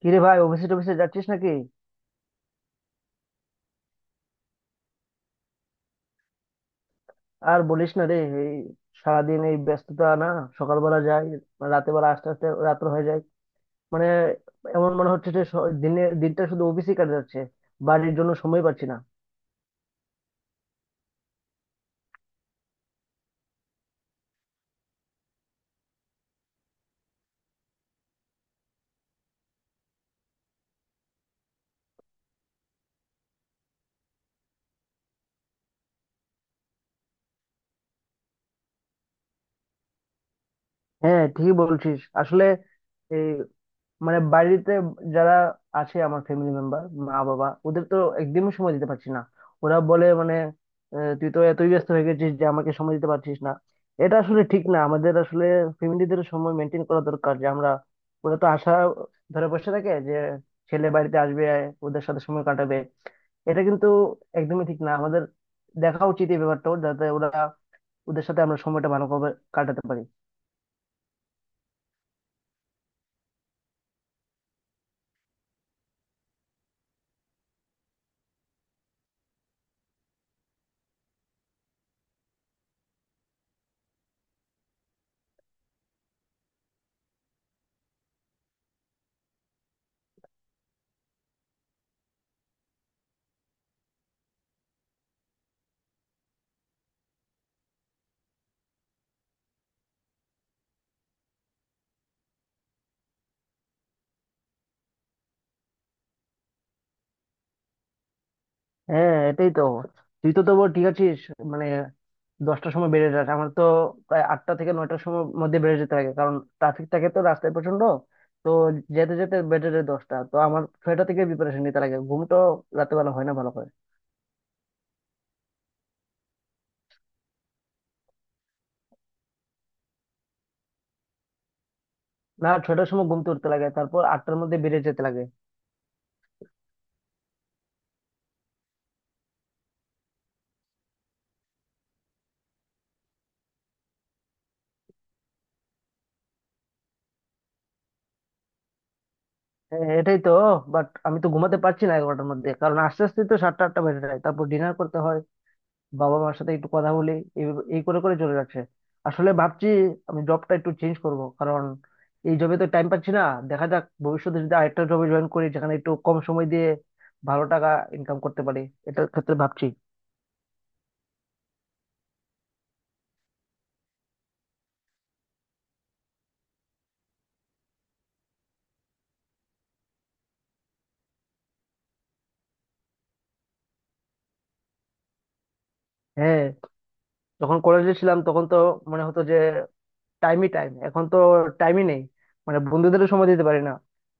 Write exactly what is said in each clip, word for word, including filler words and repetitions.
কিরে ভাই, অফিসে টফিসে যাচ্ছিস নাকি? আর বলিস না রে। এই সারাদিন এই ব্যস্ততা না, সকালবেলা যাই, রাতে বেলা আস্তে আস্তে রাত্র হয়ে যায়। মানে এমন মনে হচ্ছে যে স- দিনে দিনটা শুধু অফিসেই কাটে যাচ্ছে, বাড়ির জন্য সময় পাচ্ছি না। হ্যাঁ, ঠিকই বলছিস আসলে। এই মানে বাড়িতে যারা আছে, আমার ফ্যামিলি মেম্বার মা বাবা, ওদের তো একদমই সময় দিতে পারছি না। ওরা বলে মানে, আহ, তুই তো এতই ব্যস্ত হয়ে গেছিস যে আমাকে সময় দিতে পারছিস না। এটা আসলে ঠিক না। আমাদের আসলে ফ্যামিলিদের সময় মেনটেন করা দরকার, যে আমরা, ওরা তো আশা ধরে বসে থাকে যে ছেলে বাড়িতে আসবে, ওদের সাথে সময় কাটাবে। এটা কিন্তু একদমই ঠিক না। আমাদের দেখা উচিত এই ব্যাপারটা, যাতে ওরা, ওদের সাথে আমরা সময়টা ভালোভাবে কাটাতে পারি। হ্যাঁ, এটাই তো। তুই তো তবু ঠিক আছিস। মানে দশটার সময় বেরিয়ে যাস, আমার তো প্রায় আটটা থেকে নয়টার সময় মধ্যে বেরিয়ে যেতে লাগে, কারণ ট্রাফিক থাকে তো রাস্তায় প্রচন্ড। তো যেতে যেতে বেজে যায় দশটা। তো আমার ছয়টা থেকে প্রিপারেশন নিতে লাগে, ঘুম তো রাতেবেলা হয় না ভালো করে। না, ছয়টার সময় ঘুম তুলতে লাগে, তারপর আটটার মধ্যে বেরিয়ে যেতে লাগে। হ্যাঁ, এটাই তো। বাট আমি তো ঘুমাতে পারছি না এগারোটার মধ্যে, কারণ আস্তে আস্তে তো সাতটা আটটা বেজে যায়, তারপর ডিনার করতে হয়, বাবা মার সাথে একটু কথা বলি, এই এই করে করে চলে যাচ্ছে। আসলে ভাবছি আমি জবটা একটু চেঞ্জ করব, কারণ এই জবে তো টাইম পাচ্ছি না। দেখা যাক, ভবিষ্যতে যদি আরেকটা জবে জয়েন করি যেখানে একটু কম সময় দিয়ে ভালো টাকা ইনকাম করতে পারি, এটার ক্ষেত্রে ভাবছি। হ্যাঁ। যখন কলেজে ছিলাম তখন তো মনে হতো যে টাইমই টাইম, এখন তো টাইমই নেই। মানে বন্ধুদেরও সময় দিতে পারি না।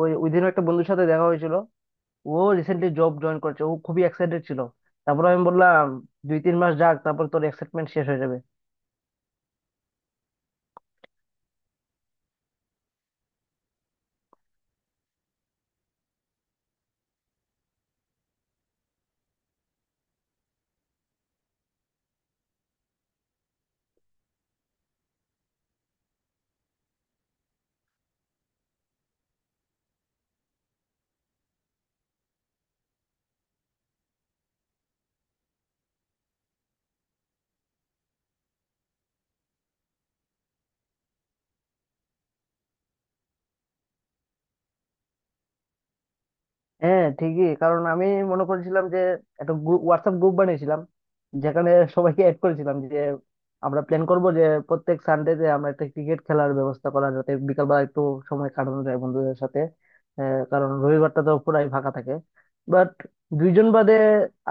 ওই ওই দিনও একটা বন্ধুর সাথে দেখা হয়েছিল। ও রিসেন্টলি জব জয়েন করেছে, ও খুবই এক্সাইটেড ছিল। তারপর আমি বললাম, দুই তিন মাস যাক, তারপর তোর এক্সাইটমেন্ট শেষ হয়ে যাবে। হ্যাঁ ঠিকই। কারণ আমি মনে করেছিলাম যে একটা গ্রুপ, হোয়াটসঅ্যাপ গ্রুপ বানিয়েছিলাম, যেখানে সবাইকে অ্যাড করেছিলাম যে আমরা প্ল্যান করব যে প্রত্যেক সানডে তে আমরা একটা ক্রিকেট খেলার ব্যবস্থা করা, যাতে বিকালবেলা একটু সময় কাটানো যায় বন্ধুদের সাথে। আহ, কারণ রবিবারটা তো পুরাই ফাঁকা থাকে। বাট দুইজন বাদে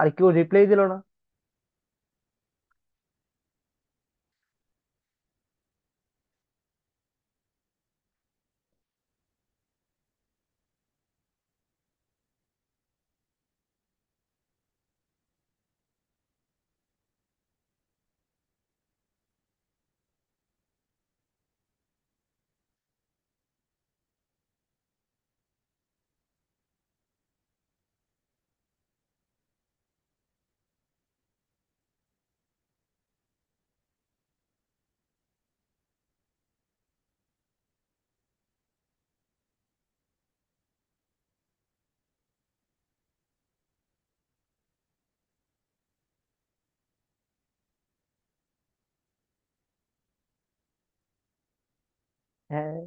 আর কেউ রিপ্লাই দিল না। হ্যাঁ,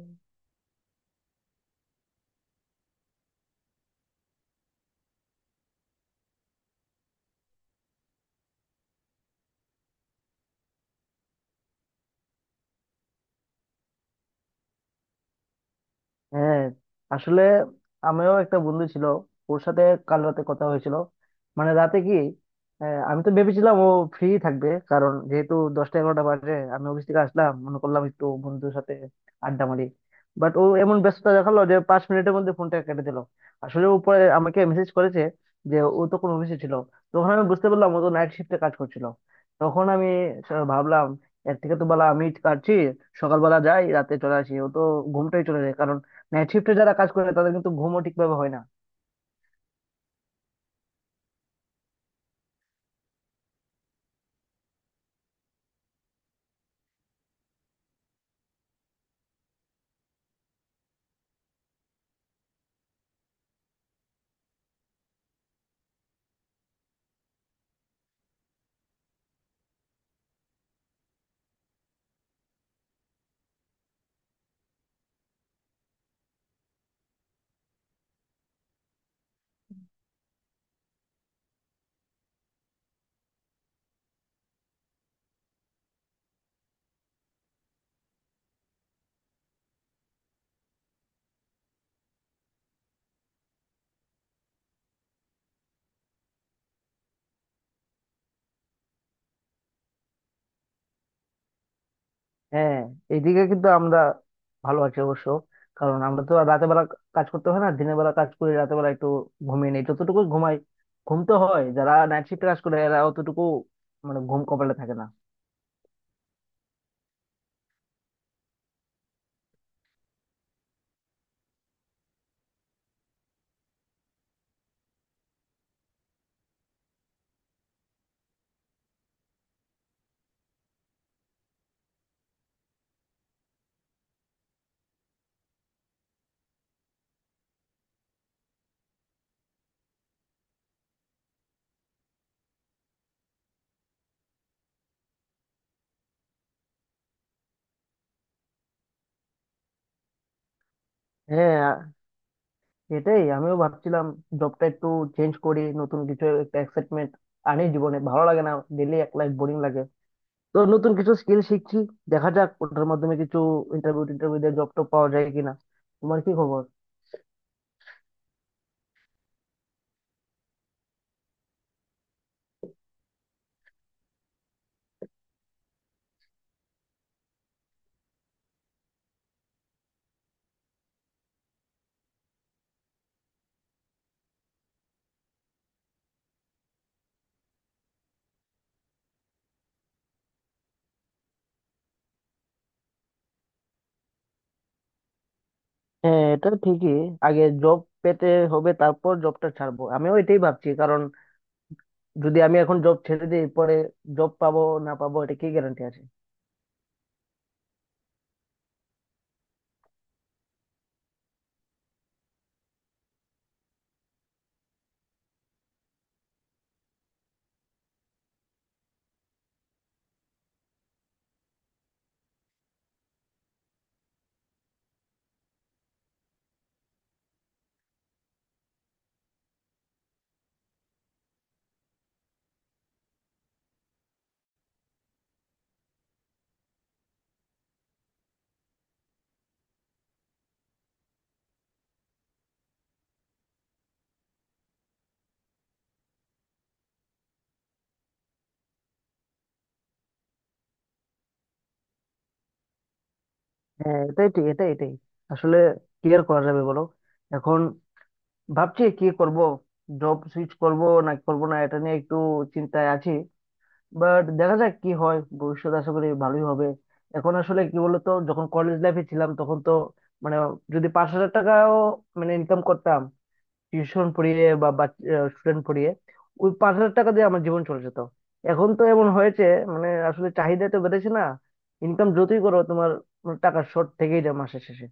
হ্যাঁ, আসলে আমিও একটা বন্ধু ছিল, ওর সাথে কাল রাতে কথা হয়েছিল। মানে রাতে কি, আহ, আমি তো ভেবেছিলাম ও ফ্রি থাকবে, কারণ যেহেতু দশটা এগারোটা বাজে আমি অফিস থেকে আসলাম, মনে করলাম একটু বন্ধুর সাথে আড্ডা মারি। বাট ও এমন ব্যস্ততা দেখালো যে পাঁচ মিনিটের মধ্যে ফোনটা কেটে দিল। আসলে উপরে আমাকে মেসেজ করেছে যে ও তখন অফিসে ছিল। তখন আমি বুঝতে পারলাম ও তো নাইট শিফটে কাজ করছিল। তখন আমি স- ভাবলাম, এর থেকে তো বলা আমি কাটছি। সকালবেলা যাই, রাতে চলে আসি, ও তো ঘুমটাই চলে যায়। নাইট শিফটে যারা কাজ করে তাদের কিন্তু ঘুমও ঠিকভাবে হয় না। হ্যাঁ, এইদিকে কিন্তু আমরা ভালো আছি অবশ্য। কারণ আমরা তো আর রাতের বেলা কাজ করতে হয় না, দিনের বেলা কাজ করে রাতের বেলা একটু ঘুমিয়ে নেই, যতটুকু ঘুমাই ঘুম তো হয়। যারা নাইট শিফটে কাজ করে এরা অতটুকু মানে ঘুম কপালে থাকে না। হ্যাঁ, এটাই আমিও ভাবছিলাম। জবটা একটু চেঞ্জ করি, নতুন কিছু একটা এক্সাইটমেন্ট আনি, জীবনে ভালো লাগে না, ডেলি এক লাইফ বোরিং লাগে। তো নতুন কিছু স্কিল শিখছি, দেখা যাক ওটার মাধ্যমে কিছু ইন্টারভিউ টিন্টারভিউ দিয়ে জব টব পাওয়া যায় কিনা। তোমার কি খবর? হ্যাঁ, এটা ঠিকই। আগে জব পেতে হবে, তারপর জবটা ছাড়বো, আমিও এটাই ভাবছি। কারণ যদি আমি এখন জব ছেড়ে দিই, পরে জব পাবো না পাবো, এটা কি গ্যারান্টি আছে? হ্যাঁ, এটাই ঠিক, এটাই, এটাই আসলে কি আর করা যাবে বলো? এখন ভাবছি কি করব, জব সুইচ করব না করব, না, এটা নিয়ে একটু চিন্তায় আছি। বাট দেখা যাক কি হয়, ভবিষ্যৎ আশা করি ভালোই হবে। এখন আসলে কি বলতো, যখন কলেজ লাইফে ছিলাম তখন তো মানে, যদি পাঁচ হাজার টাকাও মানে ইনকাম করতাম টিউশন পড়িয়ে বা স্টুডেন্ট পড়িয়ে, ওই পাঁচ হাজার টাকা দিয়ে আমার জীবন চলে যেত। এখন তো এমন হয়েছে, মানে আসলে চাহিদা তো বেড়েছে না, ইনকাম যতই করো তোমার, মানে টাকার শর্ট থেকেই যায় মাসের শেষে।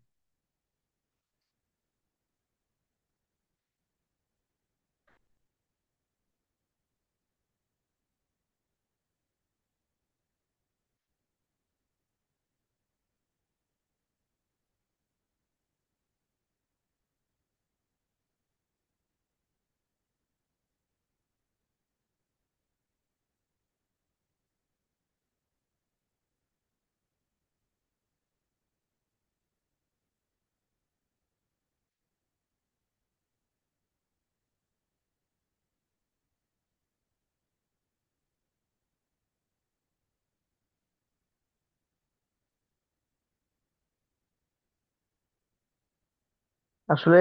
আসলে,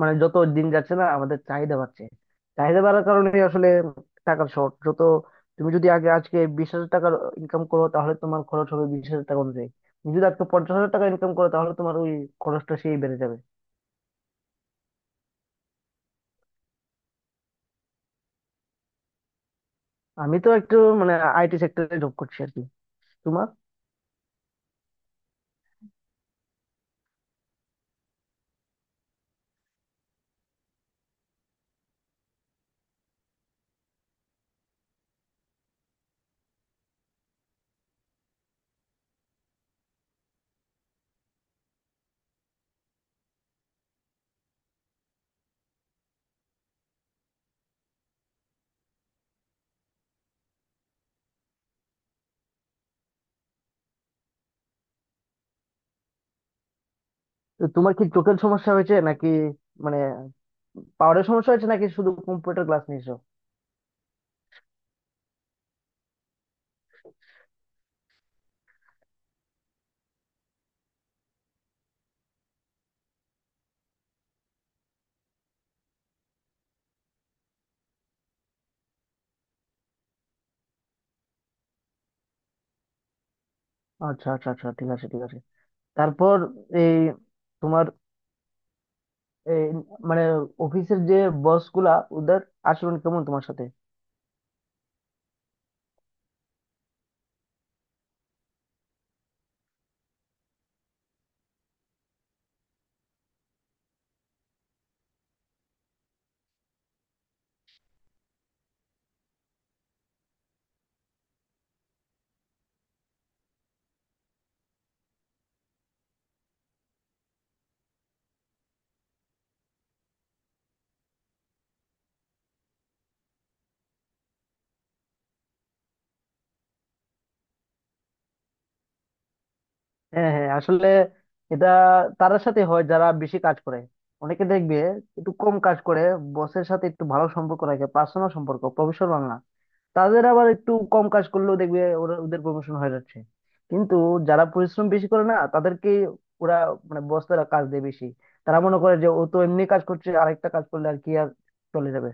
মানে যত দিন যাচ্ছে না আমাদের চাহিদা বাড়ছে, চাহিদা বাড়ার কারণে আসলে টাকার শর্ট যত। তুমি যদি আগে আজকে বিশ হাজার টাকার ইনকাম করো, তাহলে তোমার খরচ হবে বিশ হাজার টাকা অনুযায়ী। তুমি যদি আজকে পঞ্চাশ হাজার টাকা ইনকাম করো, তাহলে তোমার ওই খরচটা সেই বেড়ে যাবে। আমি তো একটু মানে আইটি সেক্টরে জব করছি, আর কি। তো তোমার কি চোখের সমস্যা হয়েছে নাকি, মানে পাওয়ারের সমস্যা হয়েছে নাকি শুধু কম্পিউটার ক্লাস নিয়েছো? আচ্ছা, আচ্ছা, আচ্ছা, ঠিক আছে, ঠিক আছে। তারপর, এই তোমার এই মানে অফিসের যে বস গুলা, ওদের আচরণ কেমন তোমার সাথে? হ্যাঁ, হ্যাঁ, আসলে এটা তাদের সাথে হয় যারা বেশি কাজ করে। অনেকে দেখবে একটু কম কাজ করে, বসের সাথে একটু ভালো সম্পর্ক রাখে, পার্সোনাল সম্পর্ক, প্রফেশনাল না। তাদের আবার একটু কম কাজ করলেও দেখবে ওরা, ওদের প্রমোশন হয়ে যাচ্ছে। কিন্তু যারা পরিশ্রম বেশি করে না তাদেরকে ওরা, মানে বসরা, কাজ দেয় বেশি। তারা মনে করে যে ও তো এমনি কাজ করছে, আরেকটা কাজ করলে আর কি আর, চলে যাবে।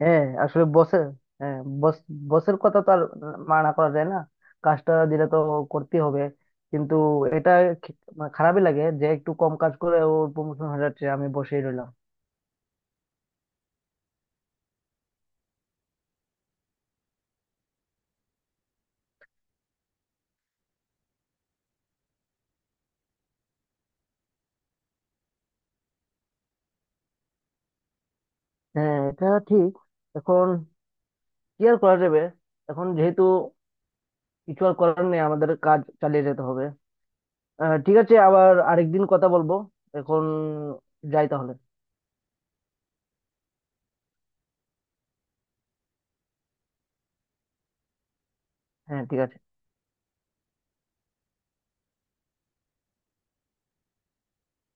হ্যাঁ, আসলে বসের হ্যাঁ বস বসের কথা তো আর মানা করা যায় না, কাজটা দিলে তো করতে হবে। কিন্তু এটা, খি- মানে খারাপই লাগে যে একটু কম কাজ করে ওর প্রমোশন হয়ে যাচ্ছে, আমি বসেই রইলাম। হ্যাঁ এটা ঠিক। এখন কি আর করা যাবে, এখন যেহেতু কিছু আর করার নেই, আমাদের কাজ চালিয়ে যেতে হবে। আহ ঠিক আছে, আবার আরেকদিন কথা বলবো এখন, যাই তাহলে। হ্যাঁ, ঠিক আছে।